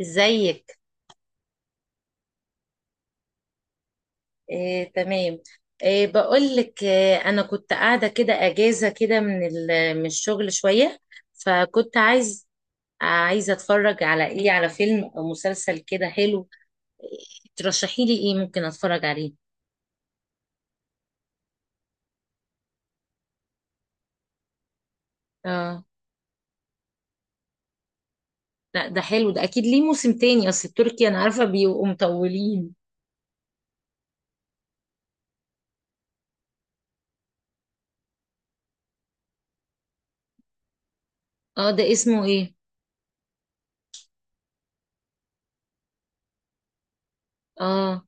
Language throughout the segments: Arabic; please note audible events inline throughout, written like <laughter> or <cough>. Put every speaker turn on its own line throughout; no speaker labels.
ازيك؟ إيه، تمام. إيه، بقول لك إيه، انا كنت قاعده كده اجازه كده من الشغل شويه. فكنت عايزه اتفرج على على فيلم او مسلسل كده حلو. إيه، ترشحي لي ايه ممكن اتفرج عليه؟ اه. لا، ده حلو ده، اكيد ليه موسم تاني، اصل التركي انا عارفه بيبقوا مطولين. اه، ده اسمه ايه؟ اه.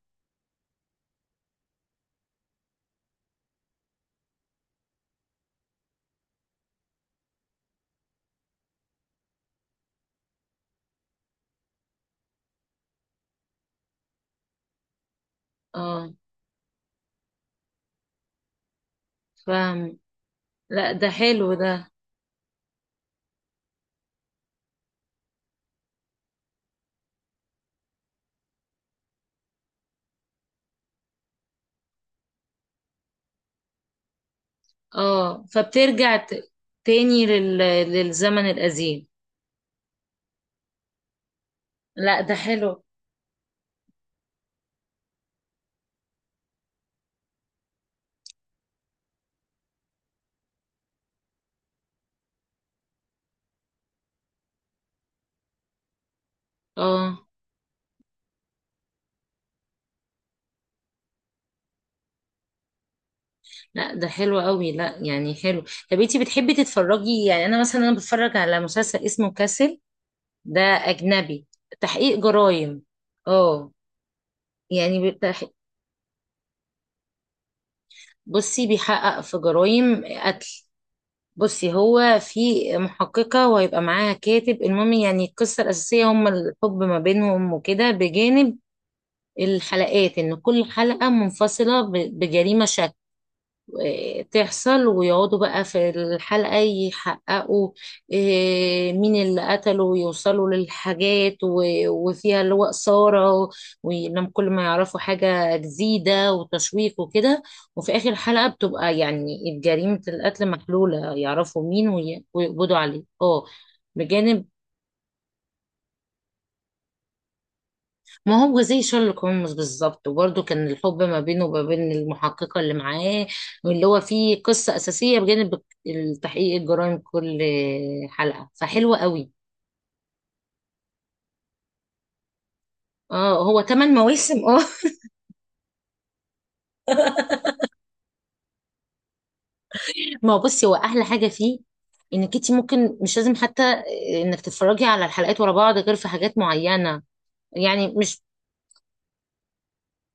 اه، فاهم. لا، ده حلو ده. اه، فبترجع تاني للزمن القديم. لا، ده حلو. اه. لا، ده حلو قوي، لا يعني حلو. طب انتي بتحبي تتفرجي يعني؟ انا مثلا انا بتفرج على مسلسل اسمه كاسل، ده اجنبي، تحقيق جرائم. اه، يعني بتح... بصي بيحقق في جرائم قتل. بصي، هو في محققة وهيبقى معاها كاتب، المهم يعني القصة الأساسية هما الحب ما بينهم وكده، بجانب الحلقات، إن كل حلقة منفصلة بجريمة شكل تحصل، ويقعدوا بقى في الحلقة يحققوا إيه، مين اللي قتله، ويوصلوا للحاجات وفيها اللي هو إثارة، ولما كل ما يعرفوا حاجة جديدة وتشويق وكده. وفي آخر حلقة بتبقى يعني جريمة القتل محلولة، يعرفوا مين ويقبضوا عليه. اه، بجانب. ما هو زي شارلوك هولمز بالظبط، وبرده كان الحب ما بينه وما بين المحققة اللي معاه، واللي هو فيه قصة أساسية بجانب تحقيق الجرائم كل حلقة، فحلوة قوي. اه، هو تمن مواسم، اه. <laughs> ما هو بصي هو أحلى حاجة فيه إنك انتي ممكن مش لازم حتى إنك تتفرجي على الحلقات ورا بعض غير في حاجات معينة. يعني مش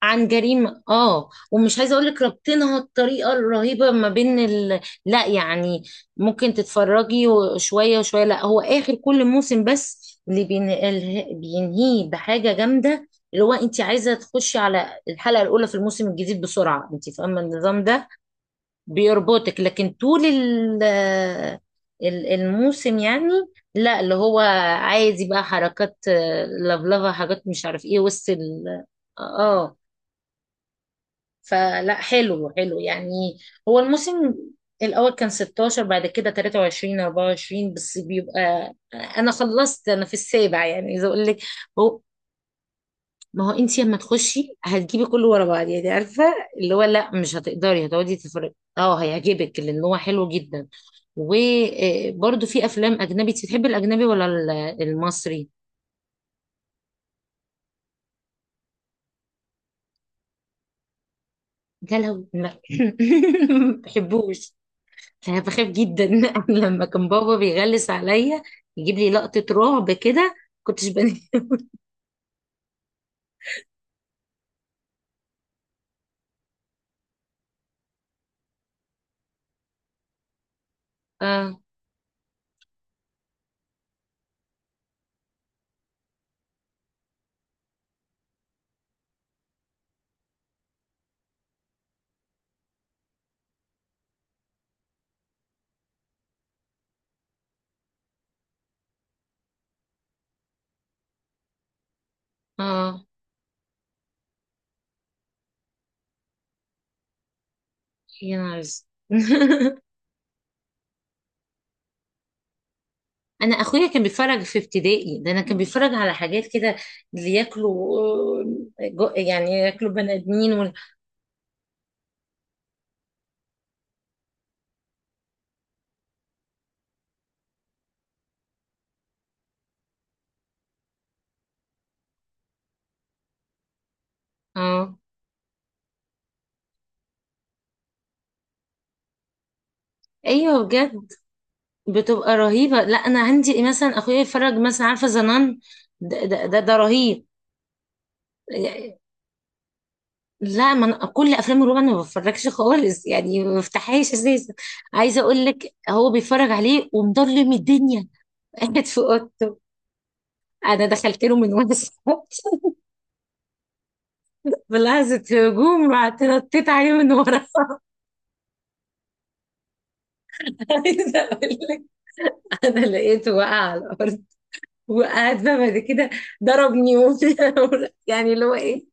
عن جريمة، اه، ومش عايزة اقولك ربطنها الطريقة الرهيبة ما بين لا يعني ممكن تتفرجي وشوية وشوية. لا، هو اخر كل موسم بس اللي بينهيه بحاجة جامدة، اللي هو انت عايزة تخشي على الحلقة الاولى في الموسم الجديد بسرعة، انت فاهمة النظام ده، بيربطك. لكن طول الموسم يعني لا، اللي هو عادي بقى، حركات، لفلفة، حاجات مش عارف ايه وسط اه، فلا، حلو، حلو يعني. هو الموسم الأول كان 16، بعد كده 23، 24، بس بيبقى أنا خلصت أنا في السابع يعني، إذا أقول لك. هو ما هو أنت لما تخشي هتجيبي كله ورا بعض يعني، عارفة، اللي هو لا مش هتقدري، هتقعدي تتفرجي. أه، هيعجبك لأن هو حلو جدا. وبرده في أفلام أجنبي، أنت بتحبي الأجنبي ولا المصري؟ لا، لا، <laughs> ما بحبوش. انا بخاف جدا <laughs> لما كان بابا بيغلس عليا يجيب لي لقطة رعب كده كنتش بنام. <laughs> اه. اه، يا نهار أسود. <laughs> انا اخويا كان بيتفرج في ابتدائي ده، انا كان بيتفرج على حاجات كده اللي ياكلوا، يعني ياكلوا بني ادمين اه. ايوه، بجد بتبقى رهيبه. لا، انا عندي مثلا اخويا يتفرج مثلا، عارفه زنان؟ ده، ده رهيب. لا، ما انا كل افلام الرعب انا ما بتفرجش خالص يعني، ما بفتحهاش اساسا. عايزه اقول لك، هو بيتفرج عليه ومضلم الدنيا <laughs> قاعد في اوضته. انا دخلت له من وانا صغيرة <laughs> بلحظه هجوم رحت نطيت عليه من ورا. <laughs> عايزه اقول لك، انا لقيته واقع على الارض، وقعد بقى بعد كده ضربني <laughs> يعني اللي هو ايه.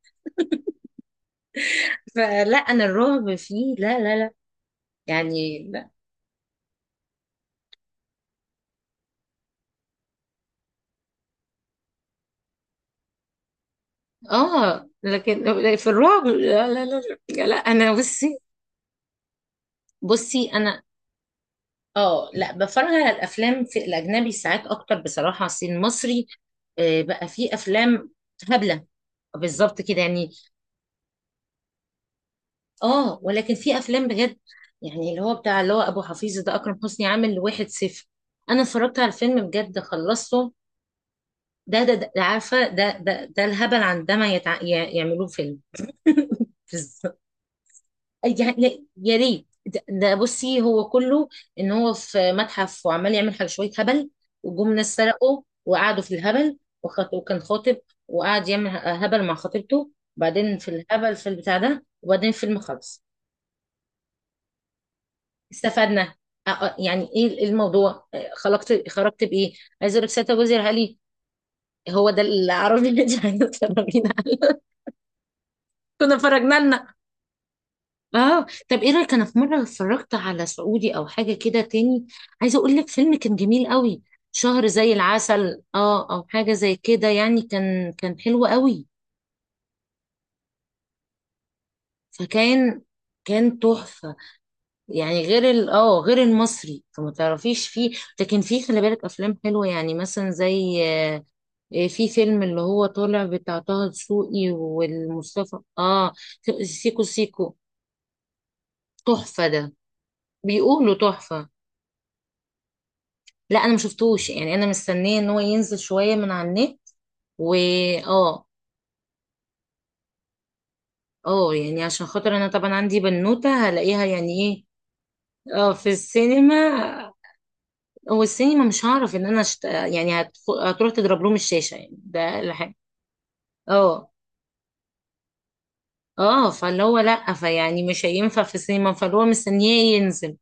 فلا، انا الرعب فيه لا، لا، لا، يعني لا. اه، لكن في الرعب لا، لا، لا. لا انا بصي، بصي انا، اه لا، بتفرج على الافلام في الاجنبي ساعات اكتر بصراحه. أصل المصري، بقى فيه افلام هبله بالظبط كده يعني. اه، ولكن في افلام بجد يعني، اللي هو بتاع اللي هو ابو حفيظ ده، اكرم حسني عامل واحد صفر، انا اتفرجت على الفيلم بجد، خلصته. ده, عارفه؟ ده الهبل عندما يعملوه فيلم. <laughs> يعني يا ريت، ده بصي هو كله ان هو في متحف وعمال يعمل حاجه شويه هبل، وجم ناس سرقوا وقعدوا في الهبل، وكان خاطب، وقعد يعمل هبل مع خطيبته، بعدين في الهبل في البتاع ده، وبعدين فيلم خلص. استفدنا يعني ايه الموضوع، خلقت خرجت بايه. عايزه اقول لك سيادة وزير علي، هو ده العربي اللي <laughs> عايزه تفرجينا كنا فرجنا لنا. اه، طب ايه رايك، انا في مره اتفرجت على سعودي او حاجه كده تاني. عايزه اقول لك فيلم كان جميل قوي، شهر زي العسل اه، او حاجه زي كده يعني، كان كان حلو قوي. فكان كان تحفه يعني، غير ال اه غير المصري، فما تعرفيش فيه. لكن فيه خلي بالك افلام حلوه يعني، مثلا زي في فيلم اللي هو طالع بتاع طه دسوقي والمصطفى، اه. سيكو سيكو تحفه ده، بيقولوا تحفه. لا انا ما شفتوش، يعني انا مستنيه ان هو ينزل شويه من على النت و اه. اه، يعني عشان خاطر انا طبعا عندي بنوته هلاقيها يعني ايه. اه، في السينما. هو السينما مش هعرف ان انا هتروح تضرب لهم الشاشه يعني، ده الحاجه. اه. اه، فاللي هو لا فيعني مش هينفع في السينما، فاللي هو مستنيه ينزل.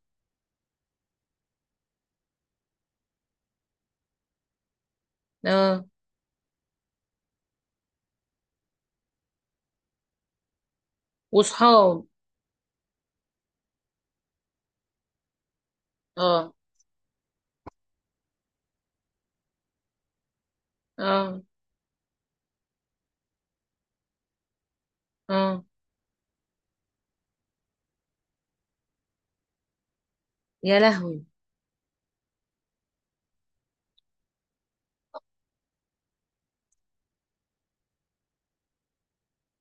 اه، وصحاب. اه. اه. اه، يا لهوي.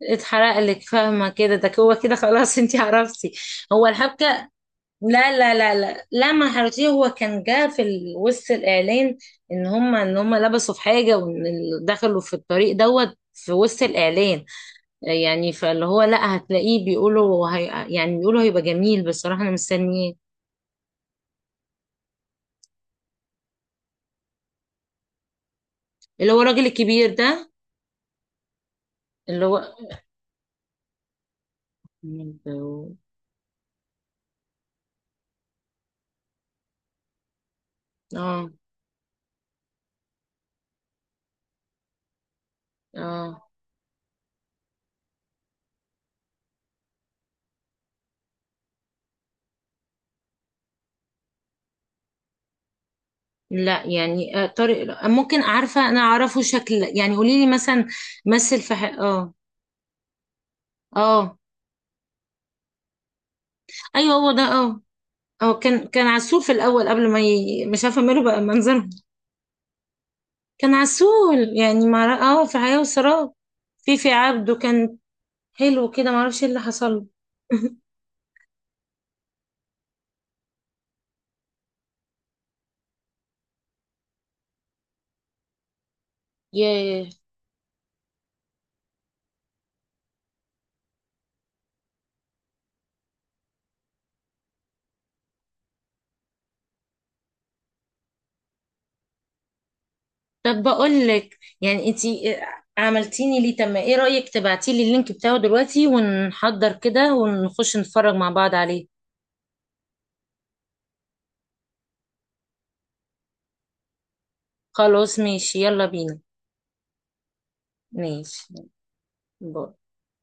اتحرق لك، فاهمه كده، ده هو كده خلاص. <laughs> انتي عرفتي هو الحبكه. لا، لا، لا، لا، لا، ما حرتيه، هو كان جه في وسط الاعلان، ان هم ان هم لبسوا في حاجه وان دخلوا في الطريق دوت في وسط الاعلان، يعني فاللي هو لا هتلاقيه بيقولوا هي، يعني بيقولوا هيبقى جميل بصراحه، انا مستنياه. اللي هو الراجل الكبير ده. اللي هو، اه. اه، لا يعني طارق ممكن عارفه، انا اعرفه شكل يعني، قولي لي مثلا. مثل في اه. ايوه، هو ده، اه. اه، كان كان عسول في الاول قبل ما مش عارفه ماله بقى منظرهم. كان عسول يعني مع اه في حياه وسراب. في في عبده كان حلو كده، ما اعرفش ايه اللي حصل له. ياه. طب بقول لك يعني انتي عملتيني ليه، طب ما ايه رايك تبعتي لي اللينك بتاعه دلوقتي ونحضر كده ونخش نتفرج مع بعض عليه. خلاص ماشي يلا بينا. ماشي، باي.